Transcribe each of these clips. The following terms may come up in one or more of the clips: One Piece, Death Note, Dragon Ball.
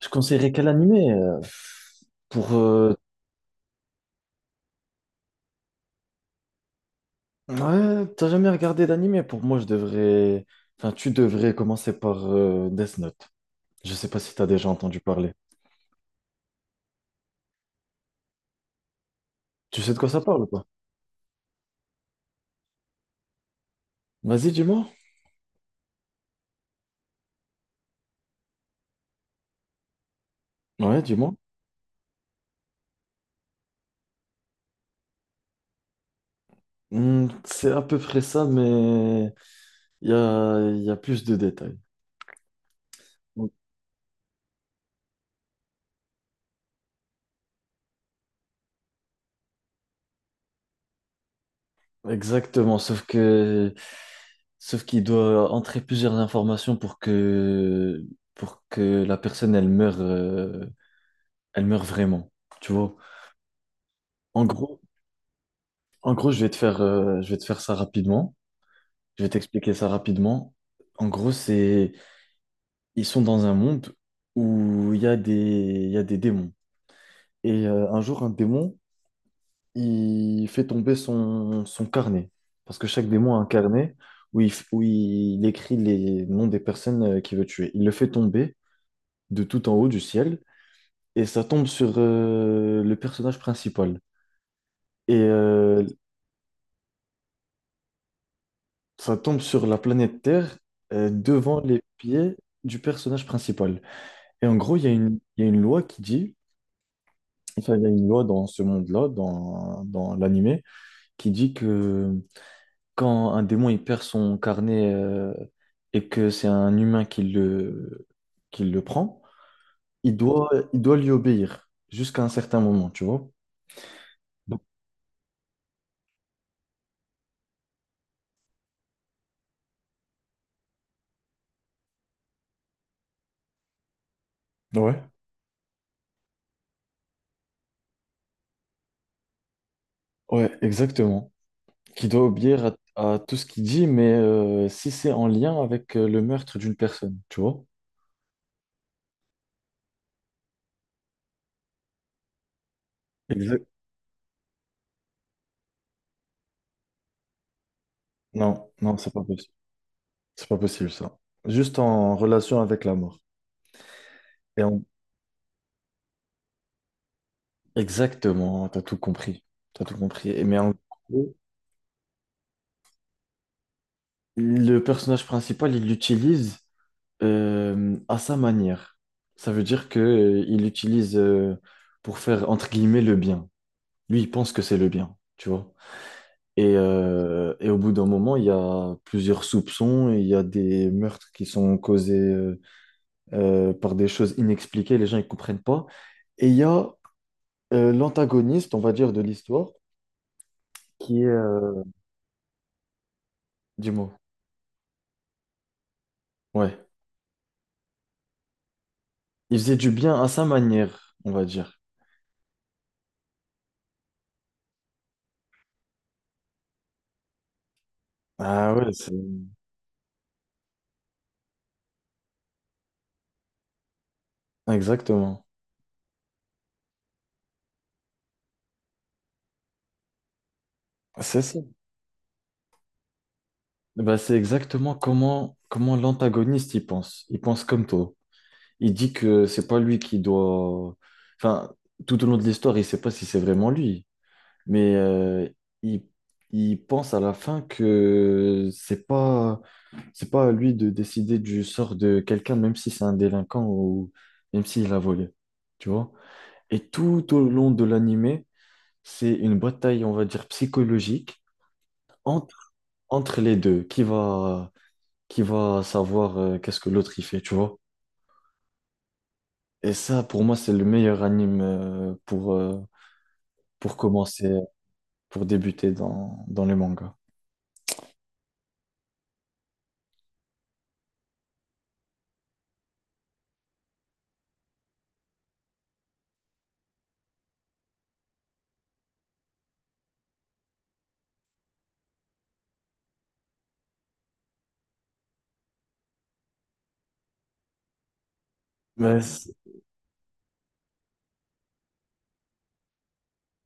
Je conseillerais quel animé? Pour ouais, t'as jamais regardé d'animé? Pour moi, je devrais. Enfin, tu devrais commencer par Death Note. Je sais pas si t'as déjà entendu parler. Tu sais de quoi ça parle ou pas? Vas-y, dis-moi. Ouais, dis-moi. Hmm, c'est à peu près ça, mais il y a plus de détails. Exactement, sauf qu'il doit entrer plusieurs informations pour que la personne elle meure vraiment. Tu vois? En gros. En gros, je vais te faire ça rapidement. Je vais t'expliquer ça rapidement. En gros, ils sont dans un monde où il y a des démons. Et un jour, un démon, il fait tomber son carnet. Parce que chaque démon a un carnet où il écrit les noms des personnes qu'il veut tuer. Il le fait tomber de tout en haut du ciel et ça tombe sur le personnage principal. Et euh, Ça tombe sur la planète Terre devant les pieds du personnage principal. Et en gros, il y a une loi qui dit, enfin, il y a une loi dans ce monde-là, dans l'animé, qui dit que quand un démon il perd son carnet et que c'est un humain qui le prend, il doit lui obéir jusqu'à un certain moment, tu vois? Donc, ouais. Ouais, exactement. Qui doit obéir à tout ce qu'il dit, mais si c'est en lien avec le meurtre d'une personne, tu vois? Exact. Non, non, c'est pas possible. C'est pas possible ça. Juste en relation avec la mort. Et en- Exactement, t'as tout compris. T'as tout compris. Mais en gros, le personnage principal, il l'utilise à sa manière. Ça veut dire que il l'utilise pour faire entre guillemets le bien. Lui, il pense que c'est le bien, tu vois? Et au bout d'un moment, il y a plusieurs soupçons et il y a des meurtres qui sont causés par des choses inexpliquées, les gens ne comprennent pas. Et il y a l'antagoniste, on va dire, de l'histoire, qui est... dis-moi. Ouais. Il faisait du bien à sa manière, on va dire. Ah ouais, c'est... Exactement. C'est ça. Bah, c'est exactement comment l'antagoniste y pense. Il pense comme toi. Il dit que c'est pas lui qui doit... Enfin, tout au long de l'histoire, il sait pas si c'est vraiment lui. Mais il, il pense à la fin que c'est pas à lui de décider du sort de quelqu'un, même si c'est un délinquant ou même s'il a volé, tu vois. Et tout au long de l'animé, c'est une bataille, on va dire, psychologique entre, entre les deux, qui va savoir qu'est-ce que l'autre il fait, tu vois. Et ça, pour moi, c'est le meilleur anime pour commencer, pour débuter dans les mangas. Mais c-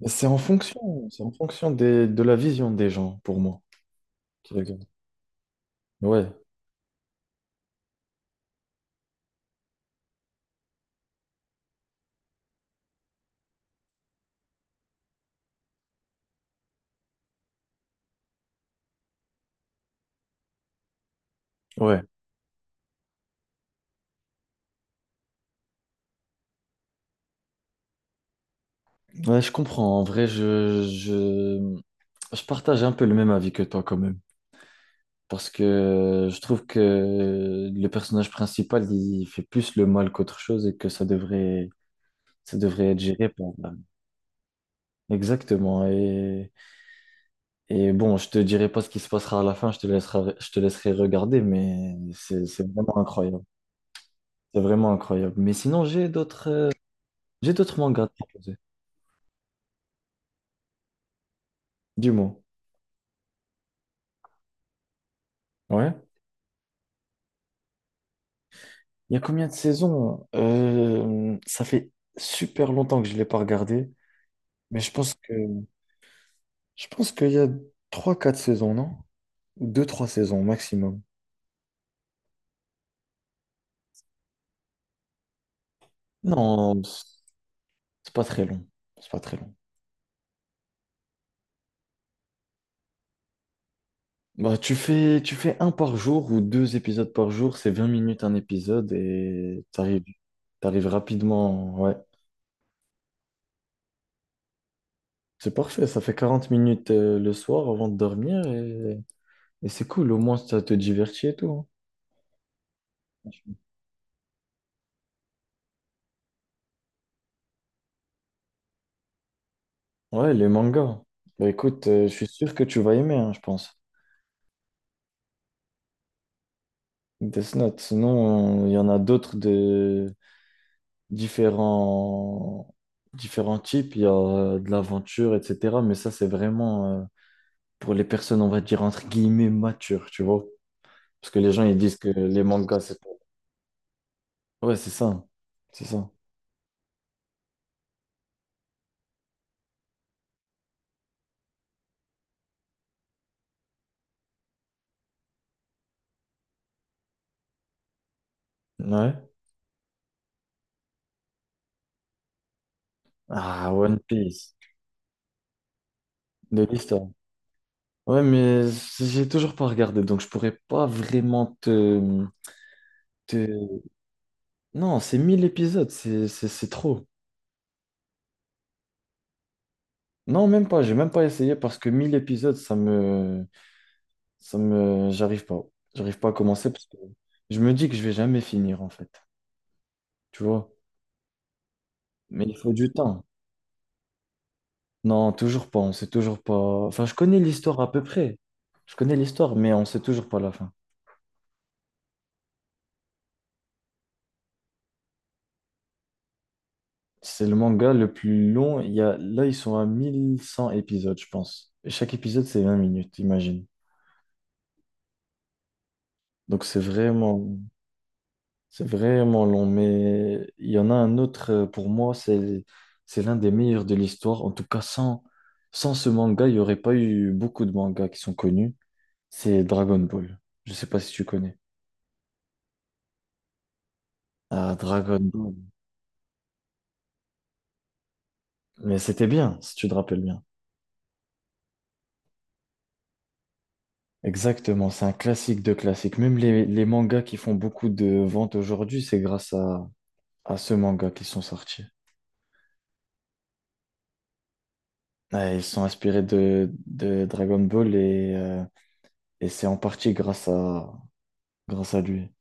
c'est en fonction de la vision des gens, pour moi, qui regardent. Ouais, ouais. Ouais, je comprends. En vrai, je partage un peu le même avis que toi quand même. Parce que je trouve que le personnage principal, il fait plus le mal qu'autre chose et que ça devrait être géré par... Exactement. Et bon, je te dirai pas ce qui se passera à la fin, je te laisserai regarder, mais c'est vraiment incroyable. C'est vraiment incroyable. Mais sinon, J'ai d'autres mangas à te proposer. Dis-moi. Ouais. Il y a combien de saisons? Ça fait super longtemps que je ne l'ai pas regardé, mais je pense qu'il y a trois quatre saisons, non? Deux trois saisons maximum. Non, c'est pas très long. C'est pas très long. Bah, tu fais un par jour ou deux épisodes par jour, c'est 20 minutes un épisode et t'arrives rapidement. Ouais, c'est parfait, ça fait 40 minutes le soir avant de dormir et c'est cool, au moins ça te divertit et tout, hein. Ouais, les mangas. Bah, écoute, je suis sûr que tu vas aimer, hein, je pense. Death Note. Sinon, il y en a d'autres de différents... différents types. Il y a de l'aventure, etc. Mais ça, c'est vraiment pour les personnes, on va dire, entre guillemets, matures, tu vois. Parce que les gens, ils disent que les mangas, c'est pour... Ouais, c'est ça. C'est ça. Ouais. Ah, One Piece. De l'histoire. Ouais, mais j'ai toujours pas regardé, donc je pourrais pas vraiment te, non, c'est 1000 épisodes, c'est trop. Non, même pas, j'ai même pas essayé parce que 1000 épisodes, ça me... J'arrive pas. J'arrive pas à commencer parce que je me dis que je vais jamais finir en fait. Tu vois? Mais il faut du temps. Non, toujours pas, on sait toujours pas. Enfin, je connais l'histoire à peu près. Je connais l'histoire, mais on sait toujours pas la fin. C'est le manga le plus long. Il y a... Là, ils sont à 1100 épisodes, je pense. Et chaque épisode, c'est 20 minutes, imagine. Donc c'est vraiment... C'est vraiment long, mais il y en a un autre pour moi, c'est l'un des meilleurs de l'histoire. En tout cas, sans ce manga, il n'y aurait pas eu beaucoup de mangas qui sont connus. C'est Dragon Ball. Je ne sais pas si tu connais. Ah, Dragon Ball. Mais c'était bien, si tu te rappelles bien. Exactement, c'est un classique de classique. Même les mangas qui font beaucoup de ventes aujourd'hui, c'est grâce à ce manga qu'ils sont sortis. Ouais, ils sont inspirés de Dragon Ball et c'est en partie grâce à lui.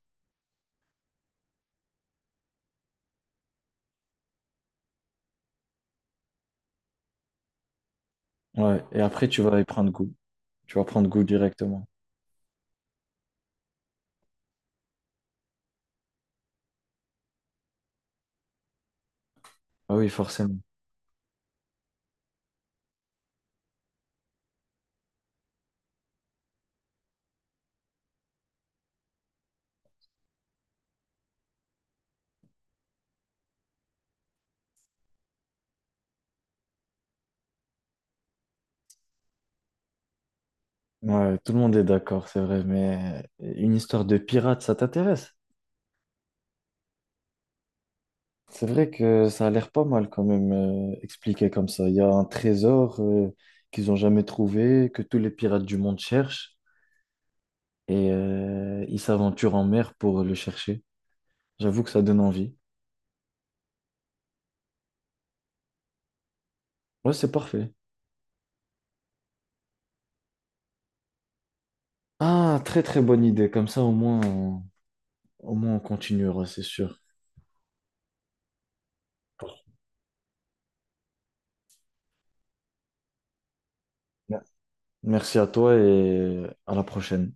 Ouais, et après, tu vas y prendre goût. Tu vas prendre goût directement. Ah oui, forcément. Ouais, tout le monde est d'accord, c'est vrai, mais une histoire de pirate, ça t'intéresse? C'est vrai que ça a l'air pas mal quand même expliqué comme ça. Il y a un trésor qu'ils n'ont jamais trouvé, que tous les pirates du monde cherchent, et ils s'aventurent en mer pour le chercher. J'avoue que ça donne envie. Ouais, c'est parfait. Ah, très très bonne idée. Comme ça, au moins, on continuera, c'est sûr. Merci à toi et à la prochaine.